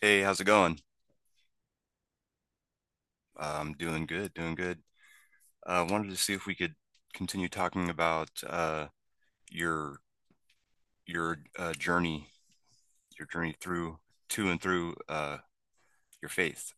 Hey, how's it going? I'm doing good, doing good. Wanted to see if we could continue talking about your your journey, your journey through to and through your faith.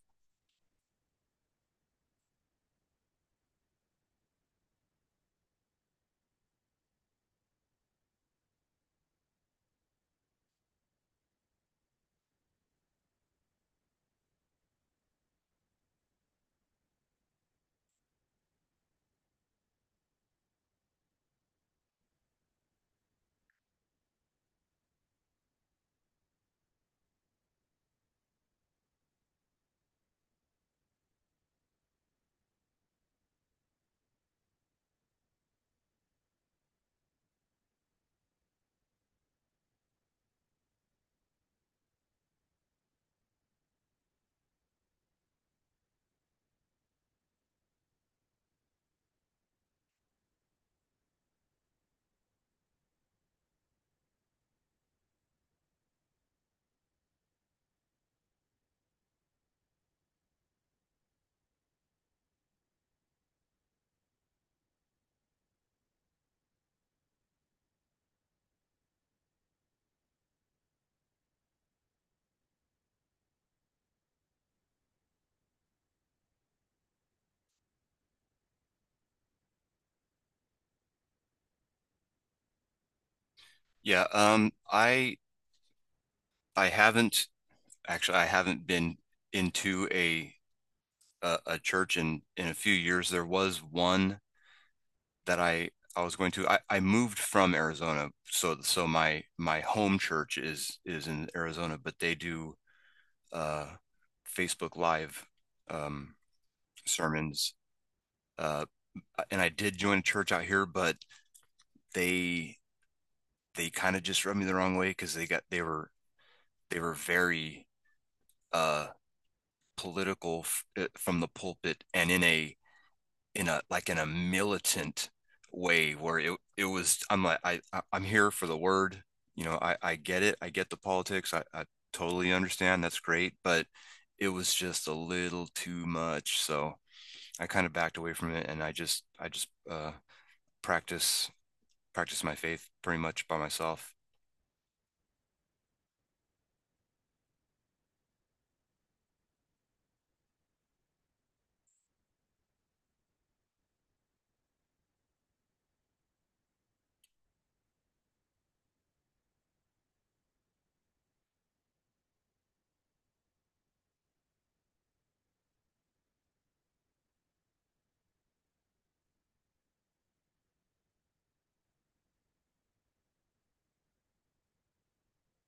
Yeah, um, I I haven't actually I haven't been Into a church in a few years. There was one that I was going to. I moved from Arizona, so my home church is in Arizona, but they do uh, Facebook Live um, sermons. Uh, and I did join a church out here, but they they kind of just rubbed me the wrong way because they were very uh, political from the pulpit and in a militant way where it was I'm like I I'm here for the word. You know, I get it. I get the politics. I totally understand. That's great, but it was just a little too much. So I kind of backed away from it, and I just practice practice my faith pretty much by myself.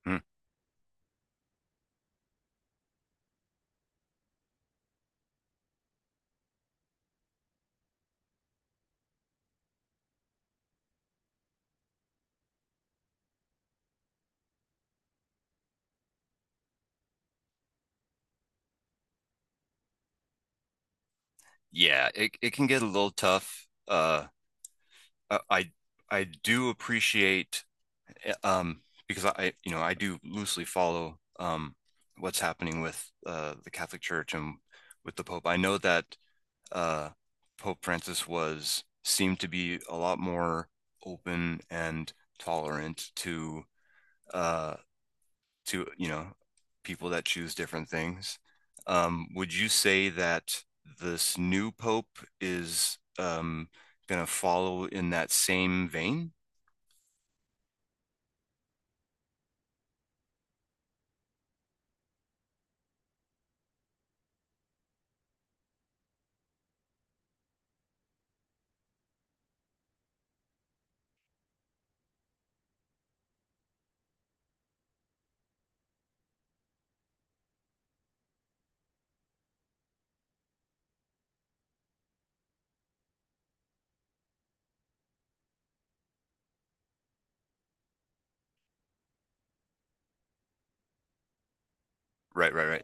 Hmm. Yeah, it can get a little tough. I do appreciate because I, you know, I do loosely follow what's happening with the Catholic Church and with the Pope. I know that uh, Pope Francis was seemed to be a lot more open and tolerant to uh, to, you know, people that choose different things. Would you say that this new pope is gonna follow in that same vein? Right, right, right.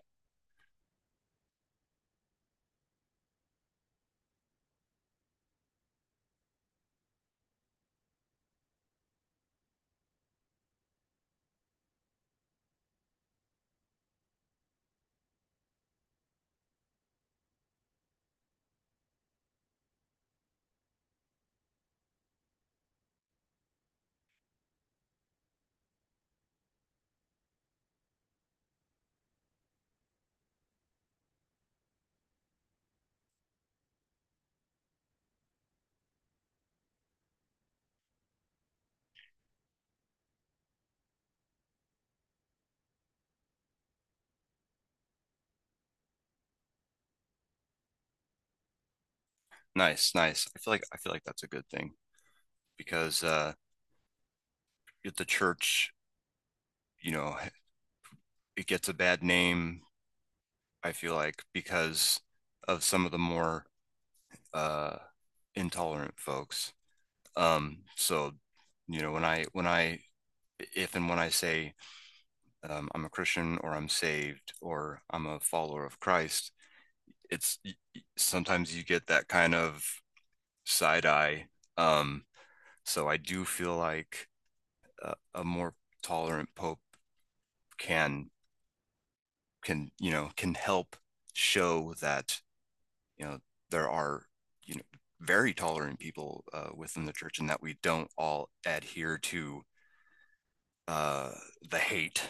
Nice, nice. I feel like that's a good thing because if the church, you know, it gets a bad name. I feel like because of some of the more uh, intolerant folks. So, you know, when I if and when I say I'm a Christian or I'm saved or I'm a follower of Christ. It's sometimes you get that kind of side eye. Um, so I do feel like a more tolerant Pope can can, you know, can help show that, you know, there are, you know, very tolerant people within the church and that we don't all adhere to uh, the hate.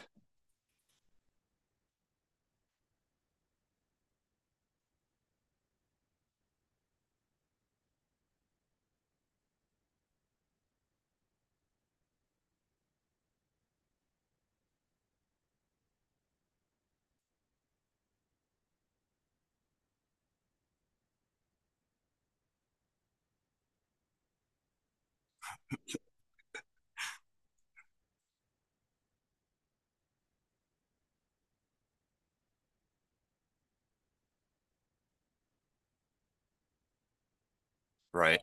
Right?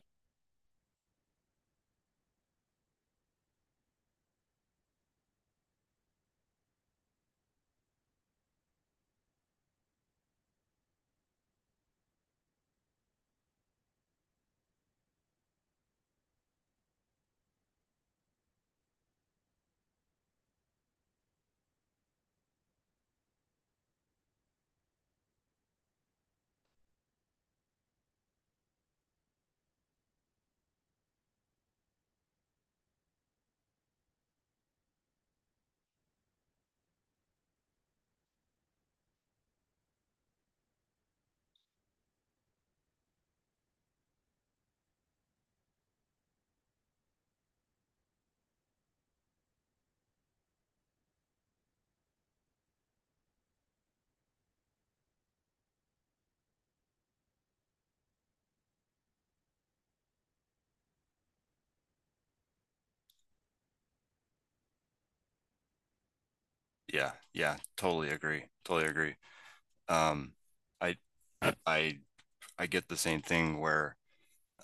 Yeah. Yeah. Totally agree. Totally agree. um i i I get the same thing where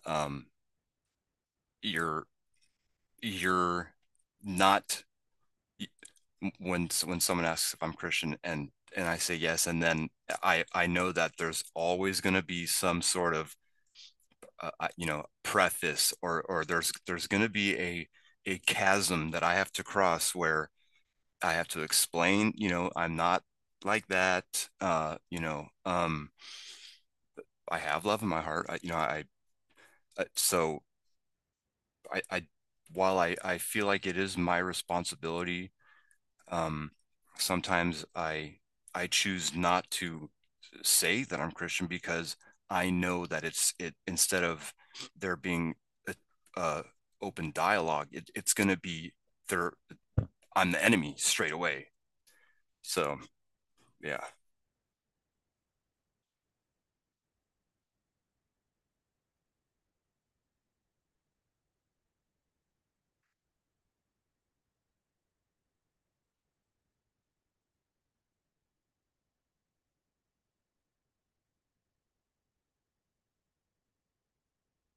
um you're you're not when when someone asks if I'm Christian and I say yes and then I know that there's always going to be some sort of you know preface or there's going to be a chasm that I have to cross where I have to explain, you know, I'm not like that, you know, I have love in my heart. I, you know I so I while I feel like it is my responsibility, um, sometimes I choose not to say that I'm Christian because I know that it's it instead of there being a, a open dialogue, it's going to be there. I'm the enemy straight away. So yeah.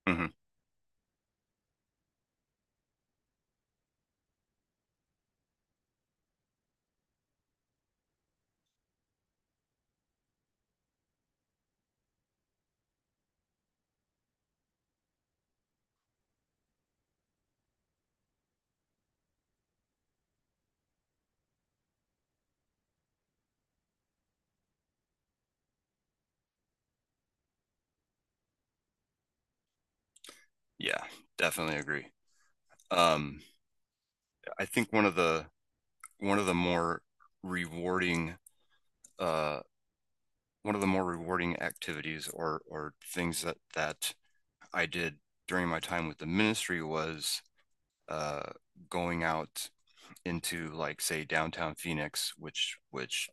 Mhm. Yeah, definitely agree. Um, I think one of the more rewarding uh, one of the more rewarding activities or things that that I did during my time with the ministry was uh, going out into, like, say, downtown Phoenix, which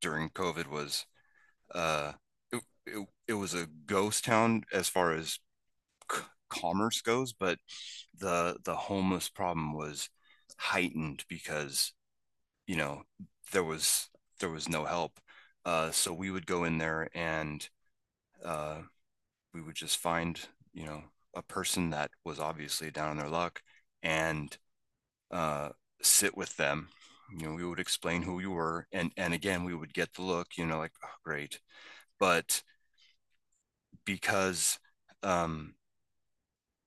during COVID was uh, it was a ghost town as far as c- commerce goes, but the homeless problem was heightened because, you know, there was there was no help. So we would go in there and uh, we would just find, you know, a person that was obviously down on their luck and uh, sit with them, you know, we would explain who we were, and again we would get the look, you know, like, oh, great, but because um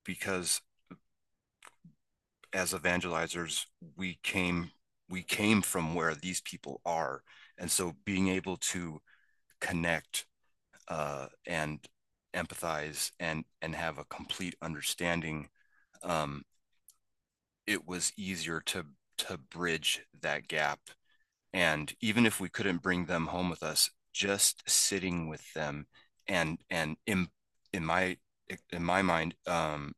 because as evangelizers we came we came from where these people are, and so being able to connect and empathize and have a complete understanding, um it was easier to bridge that gap. And even if we couldn't bring them home with us, just sitting with them and in my in my mind,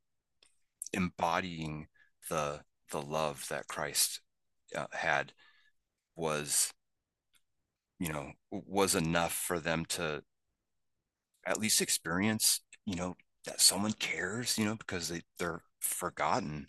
embodying the the love that Christ had was, you know, was enough for them to at least experience, you know, that someone cares, you know, because they they're forgotten.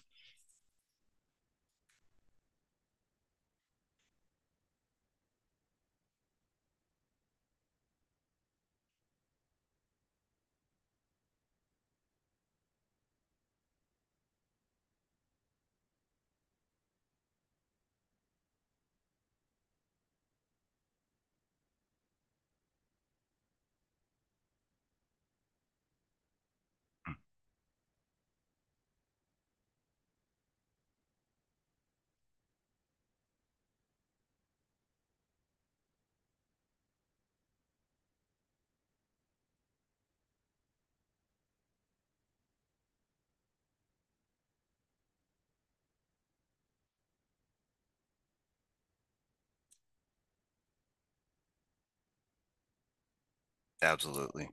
Absolutely.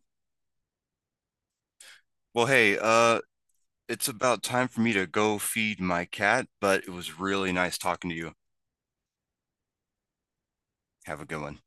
Well, hey, it's about time for me to go feed my cat, but it was really nice talking to you. Have a good one.